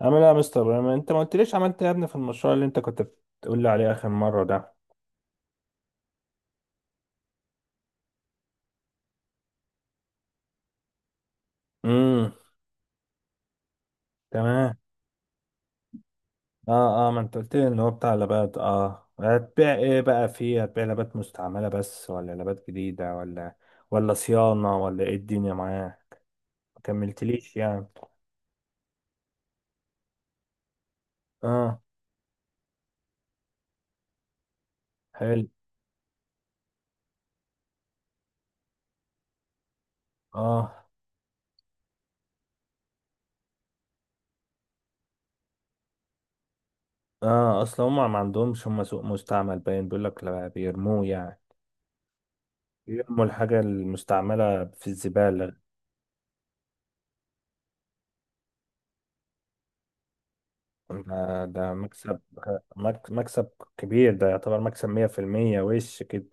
عامل ايه يا مستر ابراهيم؟ انت ما قلتليش عملت ايه يا ابني في المشروع اللي انت كنت بتقول لي عليه اخر مره ده؟ امم. تمام. اه، اه، ما انت قلت لي ان هو بتاع لابات. اه هتبيع ايه بقى فيه؟ هتبيع لابات مستعمله بس، ولا لابات جديده، ولا صيانه، ولا ايه الدنيا معاه؟ ما كملتليش يعني. اه. حلو. اه. اه. اصلا هم ما عندهمش، هم سوق مستعمل باين، بيقول لك لا، بيرموه يعني. بيرموا الحاجه المستعمله في الزباله. ما ده مكسب. مكسب كبير. ده يعتبر مكسب 100% وش كده.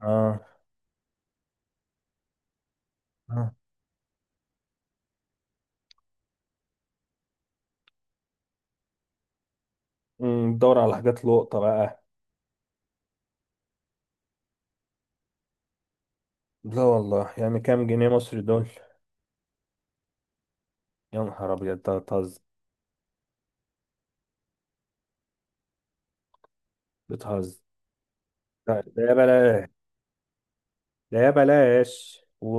اه. اه. دور على حاجات لقطة بقى. لا والله، يعني كام جنيه مصري دول؟ يا نهار ابيض، ده بتهزر! بتهزر! لا، ده يا بلاش. ده يا بلاش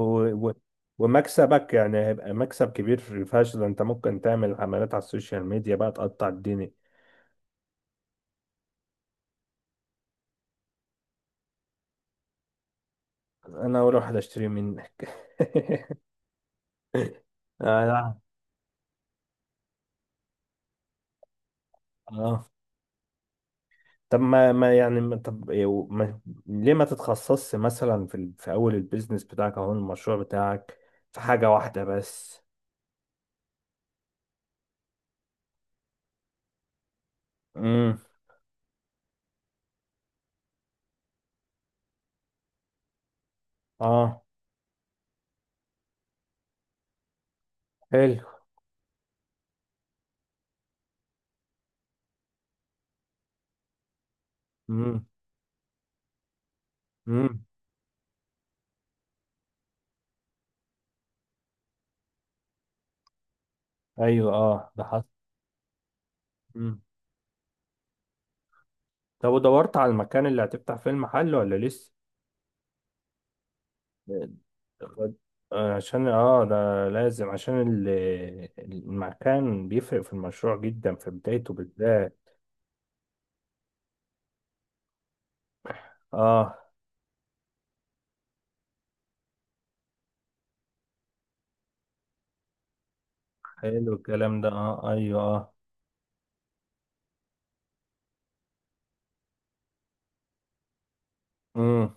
و... ومكسبك يعني هيبقى مكسب كبير فشخ. ده انت ممكن تعمل عملات على السوشيال ميديا بقى تقطع الدنيا. انا اول واحد اشتري منك. آه، لا. اه. طب ما ما يعني ما طب يو- ما ليه ما تتخصصش مثلا في اول البيزنس بتاعك او المشروع بتاعك، في حاجة واحدة بس. امم. اه. حلو. امم. امم. ايوه، اه، ده حصل. امم. طب ودورت على المكان اللي هتفتح فيه المحل، ولا لسه؟ خد- عشان ده لازم، المكان بيفرق في المشروع جدا في بدايته بالذات. اه، حلو الكلام ده، اه، ايوه، اه. امم.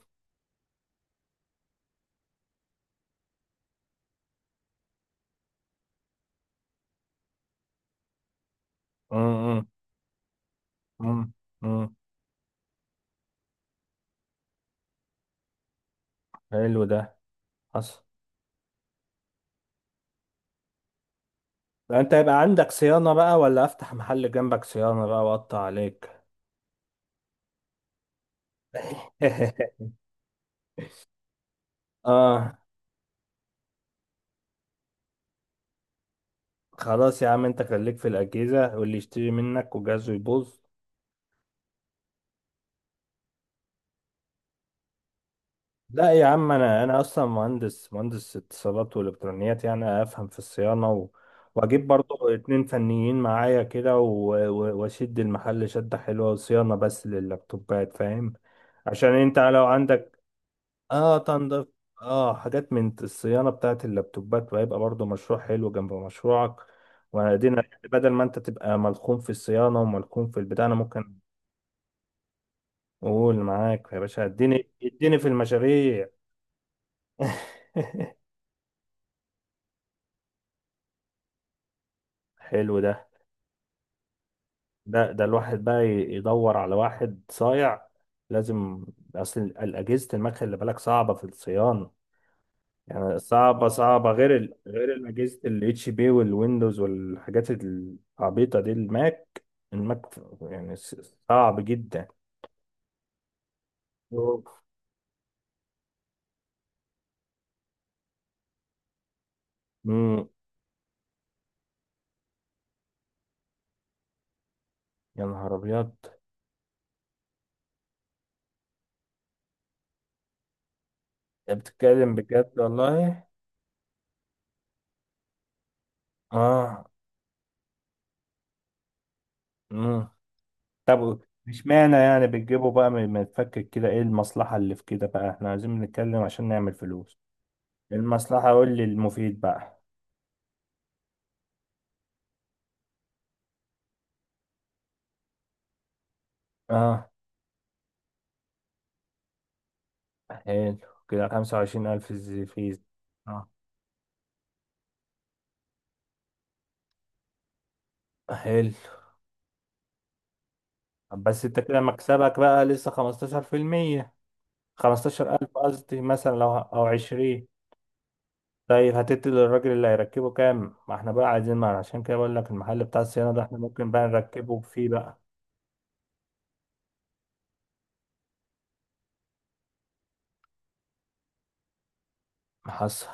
امم. امم. حلو ده. حصل. ده انت يبقى عندك صيانة بقى، ولا افتح محل جنبك صيانة بقى واقطع عليك؟ اه. خلاص يا عم، انت خليك في الاجهزة واللي يشتري منك وجهازه يبوظ. لا يا عم، انا اصلا مهندس اتصالات والكترونيات، يعني افهم في الصيانة، واجيب برضو اتنين فنيين معايا كده، واشد المحل شدة حلوة، وصيانة بس لللابتوبات فاهم. عشان انت لو عندك، اه تنضف، اه حاجات من الصيانة بتاعت اللابتوبات، وهيبقى برضو مشروع حلو جنب مشروعك. وادينا يعني، بدل ما انت تبقى ملخوم في الصيانة وملخوم في البتاع، انا ممكن اقول معاك يا باشا، اديني اديني في المشاريع. حلو ده. ده الواحد بقى يدور على واحد صايع، لازم. اصل الاجهزة المكن اللي بالك صعبة في الصيانة، يعني صعبة صعبة، غير أجهزة ال HP والويندوز والحاجات العبيطة دي. الماك، الماك يعني صعب جدا. أوف. مم. يا نهار أبيض! أنت بتتكلم بجد والله. آه. مم. طب مش معنى يعني بتجيبه بقى ما تفكر كده، إيه المصلحة اللي في كده بقى؟ إحنا عايزين نتكلم عشان نعمل فلوس. المصلحة قول لي المفيد بقى. آه. حلو. كده خمسة وعشرين ألف في. آه. حلو. بس انت كده مكسبك بقى لسه 15%، 15000 قصدي مثلا، لو او 20. طيب هتدي للراجل اللي هيركبه كام؟ ما احنا بقى عايزين، ما عشان كده بقول لك المحل بتاع الصيانة ده احنا ممكن بقى نركبه فيه بقى. محصل.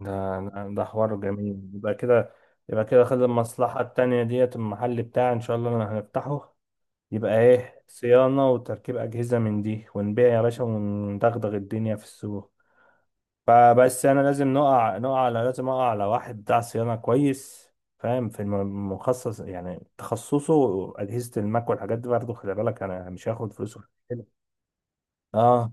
ده ده حوار جميل، يبقى كده. يبقى كده، خد المصلحة التانية ديت، المحل بتاعي ان شاء الله اللي هنفتحه. يبقى ايه، صيانة وتركيب أجهزة من دي، ونبيع يا باشا وندغدغ الدنيا في السوق. فبس انا لازم نقع على، لازم اقع على واحد بتاع صيانه كويس، فاهم، مخصص، يعني تخصصه اجهزه الماك والحاجات دي، برضه خلي بالك انا مش هاخد فلوس كده. اه،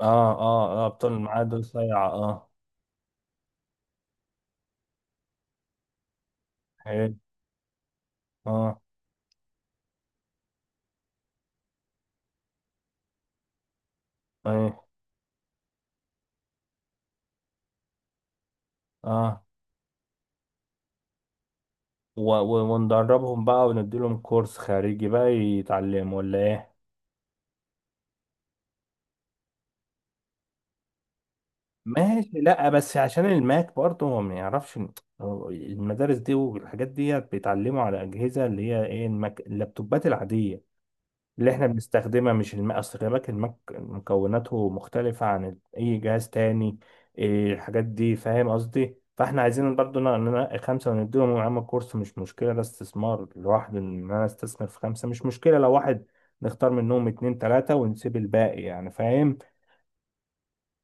اه، اه، اه، بطول الميعاد دول صيع، اه. حلو. اه. ايه. اه. وندربهم بقى، ونديلهم كورس خارجي بقى يتعلموا، ولا ايه؟ ماشي. لا بس عشان الماك برضه، هو ما يعرفش هو المدارس دي والحاجات دي بيتعلموا على أجهزة اللي هي ايه، الماك، اللابتوبات العادية اللي احنا بنستخدمها، مش الماك. اصل خلي بالك الماك مكوناته مختلفة عن اي جهاز تاني. إيه الحاجات دي، فاهم قصدي؟ فاحنا عايزين برضه ننقي خمسة ونديهم يا عم كورس، مش مشكلة، ده استثمار لوحده، ان انا استثمر في خمسة مش مشكلة. لو واحد نختار منهم اتنين تلاتة ونسيب الباقي، يعني فاهم.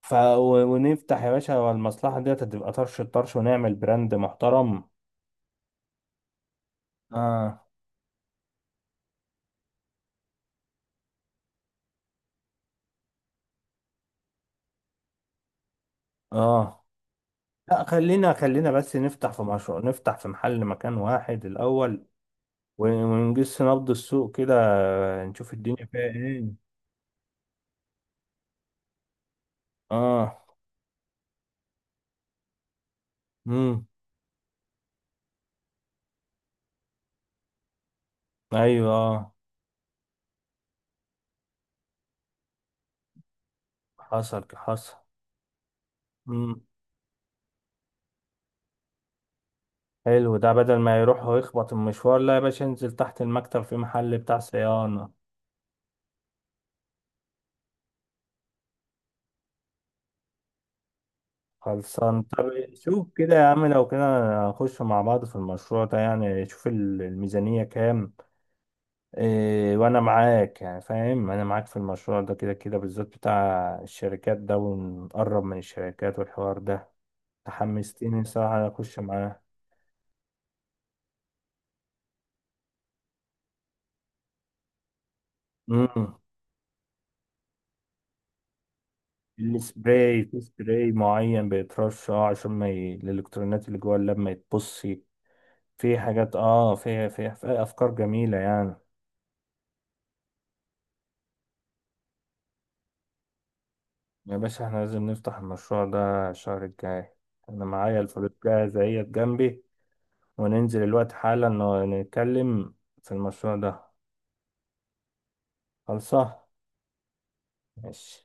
ف ونفتح يا باشا، والمصلحة ديت هتبقى طرش الطرش، ونعمل براند محترم. اه. اه. لا، خلينا، خلينا بس نفتح في مشروع، نفتح في محل مكان واحد الأول، ونجس نبض السوق كده، نشوف الدنيا فيها ايه. اه. امم. ايوه، آه. حصل، حصل. امم. حلو ده، بدل ما يروح ويخبط المشوار، لا يا باشا انزل تحت المكتب في محل بتاع صيانة. خلصان. طب شوف كده يا عم، لو كده نخش مع بعض في المشروع ده، يعني شوف الميزانية كام. إيه، وانا معاك يعني فاهم، انا معاك في المشروع ده كده كده، بالذات بتاع الشركات ده، ونقرب من الشركات والحوار ده. تحمستني صراحة اخش معاه. امم. السبراي، في سبراي معين بيترش، اه، عشان ما الالكترونات اللي جوه اللاب ما يتبصي. في حاجات، اه، في افكار جميلة يعني. يا باشا، احنا لازم نفتح المشروع ده الشهر الجاي. انا معايا الفلوس جاهزة اهي جنبي، وننزل الوقت حالا نتكلم في المشروع ده. خلصة. ماشي.